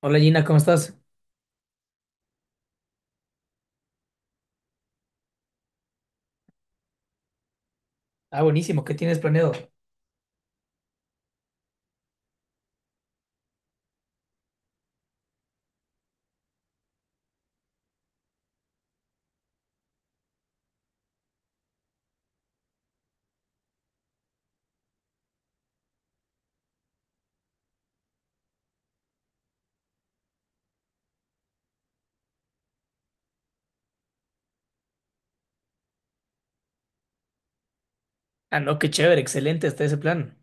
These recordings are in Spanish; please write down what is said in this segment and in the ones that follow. Hola Gina, ¿cómo estás? Ah, buenísimo, ¿qué tienes planeado? Ah, no, qué chévere, excelente está ese plan.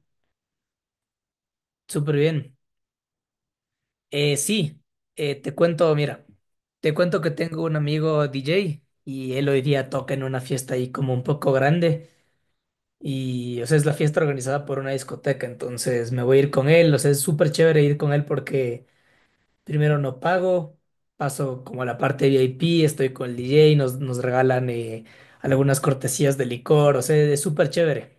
Súper bien. Eh, sí, te cuento, mira, te cuento que tengo un amigo DJ y él hoy día toca en una fiesta ahí como un poco grande y, o sea, es la fiesta organizada por una discoteca, entonces me voy a ir con él. O sea, es súper chévere ir con él porque primero no pago, paso como a la parte VIP, estoy con el DJ, nos regalan algunas cortesías de licor. O sea, es súper chévere.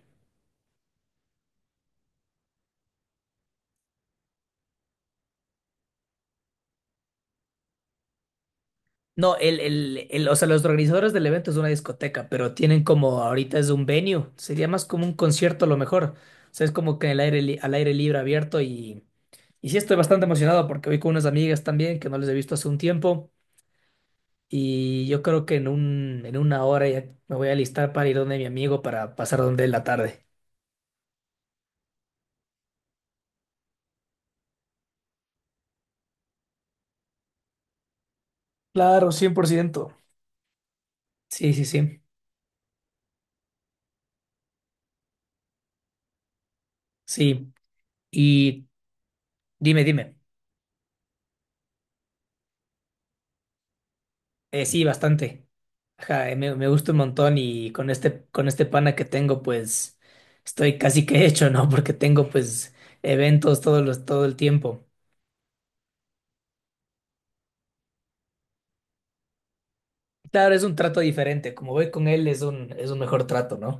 No, o sea, los organizadores del evento es una discoteca, pero tienen como ahorita es un venue, sería más como un concierto a lo mejor. O sea, es como que al aire libre abierto, y sí estoy bastante emocionado porque voy con unas amigas también que no les he visto hace un tiempo, y yo creo que en en una hora ya me voy a alistar para ir donde mi amigo para pasar donde él la tarde. Claro, cien por ciento. Sí, sí, sí. Sí. Y dime, dime. Sí, bastante. Ajá, me gusta un montón y con este pana que tengo, pues estoy casi que hecho, ¿no? Porque tengo pues eventos todo el tiempo. Claro, es un trato diferente. Como voy con él, es un mejor trato, ¿no?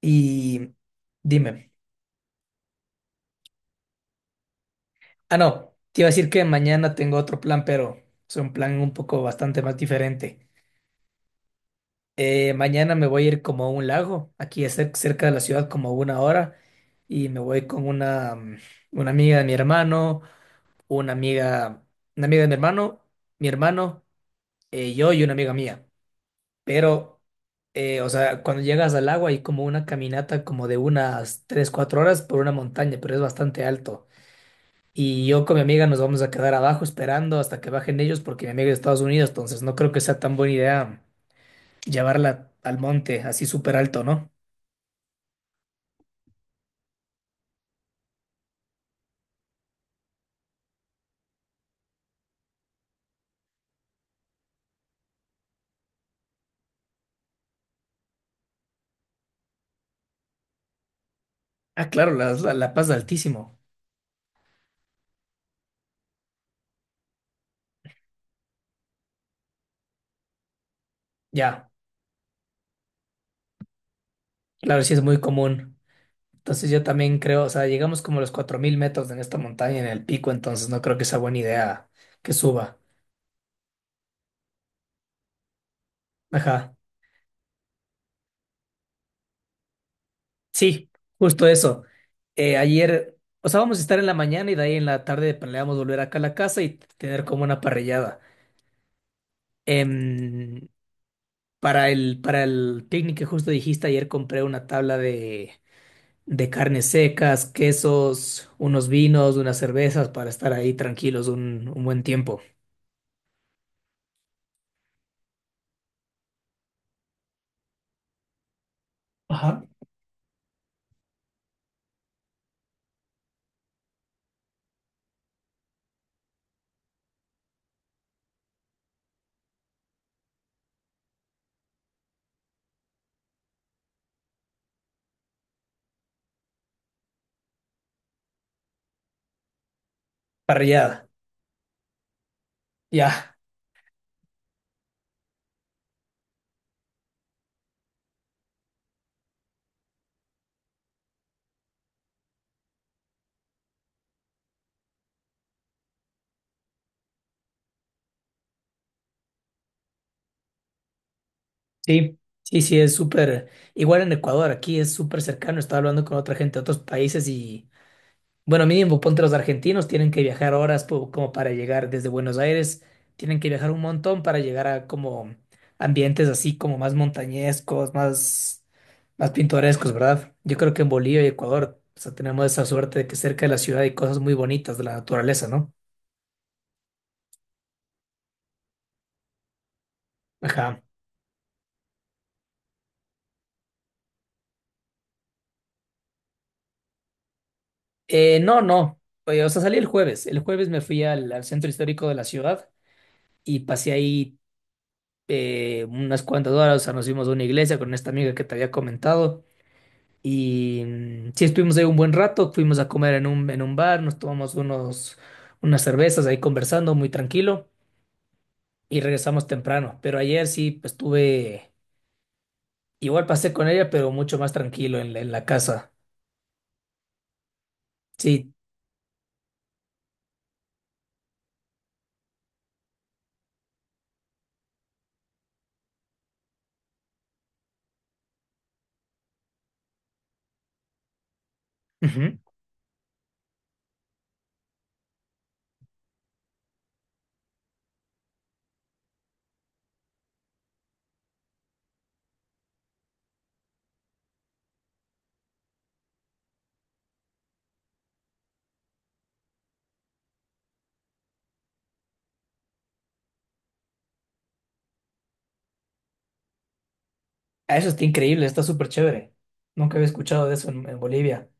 Y dime. Ah, no, te iba a decir que mañana tengo otro plan, pero es un plan un poco bastante más diferente. Mañana me voy a ir como a un lago, aquí es cerca de la ciudad, como una hora, y me voy con una, una amiga de mi hermano, una amiga, una amiga de mi hermano, yo y una amiga mía. Pero, o sea, cuando llegas al agua hay como una caminata como de unas 3, 4 horas por una montaña, pero es bastante alto. Y yo con mi amiga nos vamos a quedar abajo esperando hasta que bajen ellos porque mi amiga es de Estados Unidos, entonces no creo que sea tan buena idea llevarla al monte así súper alto, ¿no? Ah, claro, la Paz es altísimo. Ya, claro, sí es muy común. Entonces yo también creo, o sea, llegamos como a los 4000 metros en esta montaña, en el pico, entonces no creo que sea buena idea que suba. Ajá. Sí, justo eso. Ayer, o sea, vamos a estar en la mañana y de ahí en la tarde planeamos volver acá a la casa y tener como una parrillada. Em, para para el picnic que justo dijiste, ayer compré una tabla de carnes secas, quesos, unos vinos, unas cervezas para estar ahí tranquilos un buen tiempo. Ajá. Parrillada. Ya. Sí, sí, sí, es súper, igual en Ecuador, aquí es súper cercano, estaba hablando con otra gente de otros países y, bueno, mínimo, ponte los argentinos, tienen que viajar como para llegar desde Buenos Aires, tienen que viajar un montón para llegar a como ambientes así como más montañescos, más, más pintorescos, ¿verdad? Yo creo que en Bolivia y Ecuador, o sea, tenemos esa suerte de que cerca de la ciudad hay cosas muy bonitas de la naturaleza, ¿no? Ajá. No, no. Oye, o sea, salí el jueves. El jueves me fui al centro histórico de la ciudad y pasé ahí unas cuantas horas. O sea, nos fuimos a una iglesia con esta amiga que te había comentado y sí estuvimos ahí un buen rato, fuimos a comer en un bar, nos tomamos unos, unas cervezas ahí conversando muy tranquilo y regresamos temprano, pero ayer sí pues, estuve, igual pasé con ella, pero mucho más tranquilo en la casa. Sí, ujú. Ah, eso está increíble, está súper chévere. Nunca había escuchado de eso en Bolivia.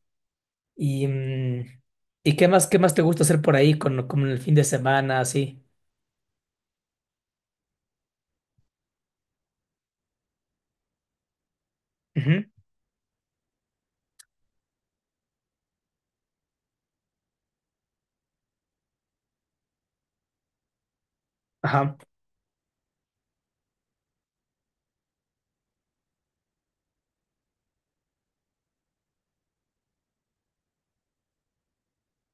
Y, ¿y qué más te gusta hacer por ahí con el fin de semana, así? Ujú, ajá,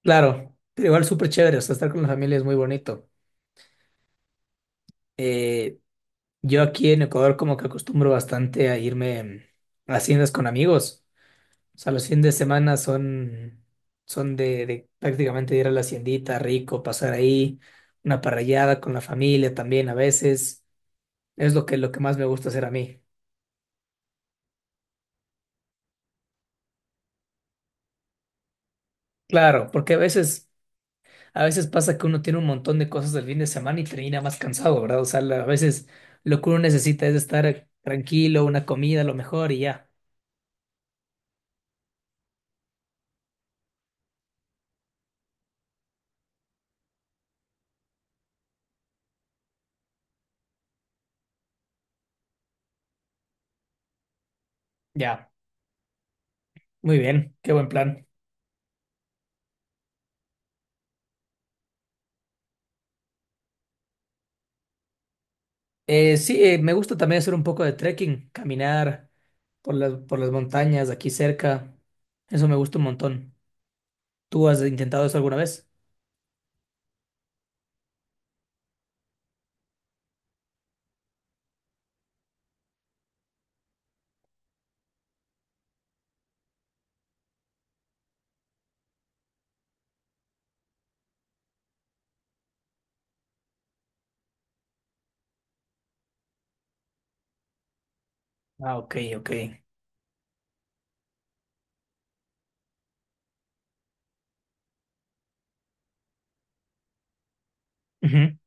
claro, pero igual súper chévere, o sea, estar con la familia es muy bonito. Eh, yo aquí en Ecuador como que acostumbro bastante a irme a haciendas con amigos. O sea, los fines de semana son, son de prácticamente ir a la haciendita, rico, pasar ahí, una parrillada con la familia también a veces, es lo que más me gusta hacer a mí. Claro, porque a veces... A veces pasa que uno tiene un montón de cosas del fin de semana y termina más cansado, ¿verdad? O sea, a veces lo que uno necesita es estar tranquilo, una comida, lo mejor y ya. Ya, muy bien, qué buen plan. Sí, me gusta también hacer un poco de trekking, caminar por las montañas aquí cerca. Eso me gusta un montón. ¿Tú has intentado eso alguna vez? Ah, ok, ok. Ujú.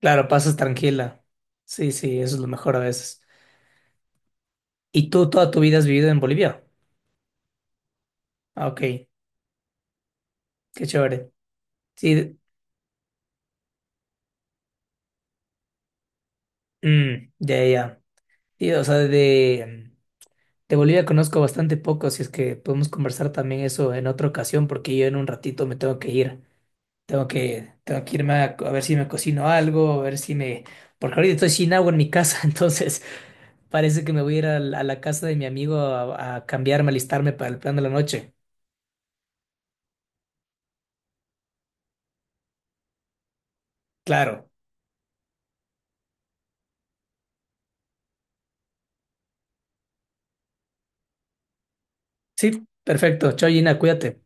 Claro, pasas tranquila. Sí, sí, eso es lo mejor a veces. ¿Y tú toda tu vida has vivido en Bolivia? Ah, ok, qué chévere. Sí, mm, ya, ya. Sí, o sea, de Bolivia conozco bastante poco, si es que podemos conversar también eso en otra ocasión, porque yo en un ratito me tengo que ir. Tengo que irme a, a ver si me cocino algo, a ver si me... Porque ahorita estoy sin agua en mi casa, entonces parece que me voy a ir a la casa de mi amigo a cambiarme, alistarme para el plan de la noche. Claro. Sí, perfecto. Chao, Gina, cuídate.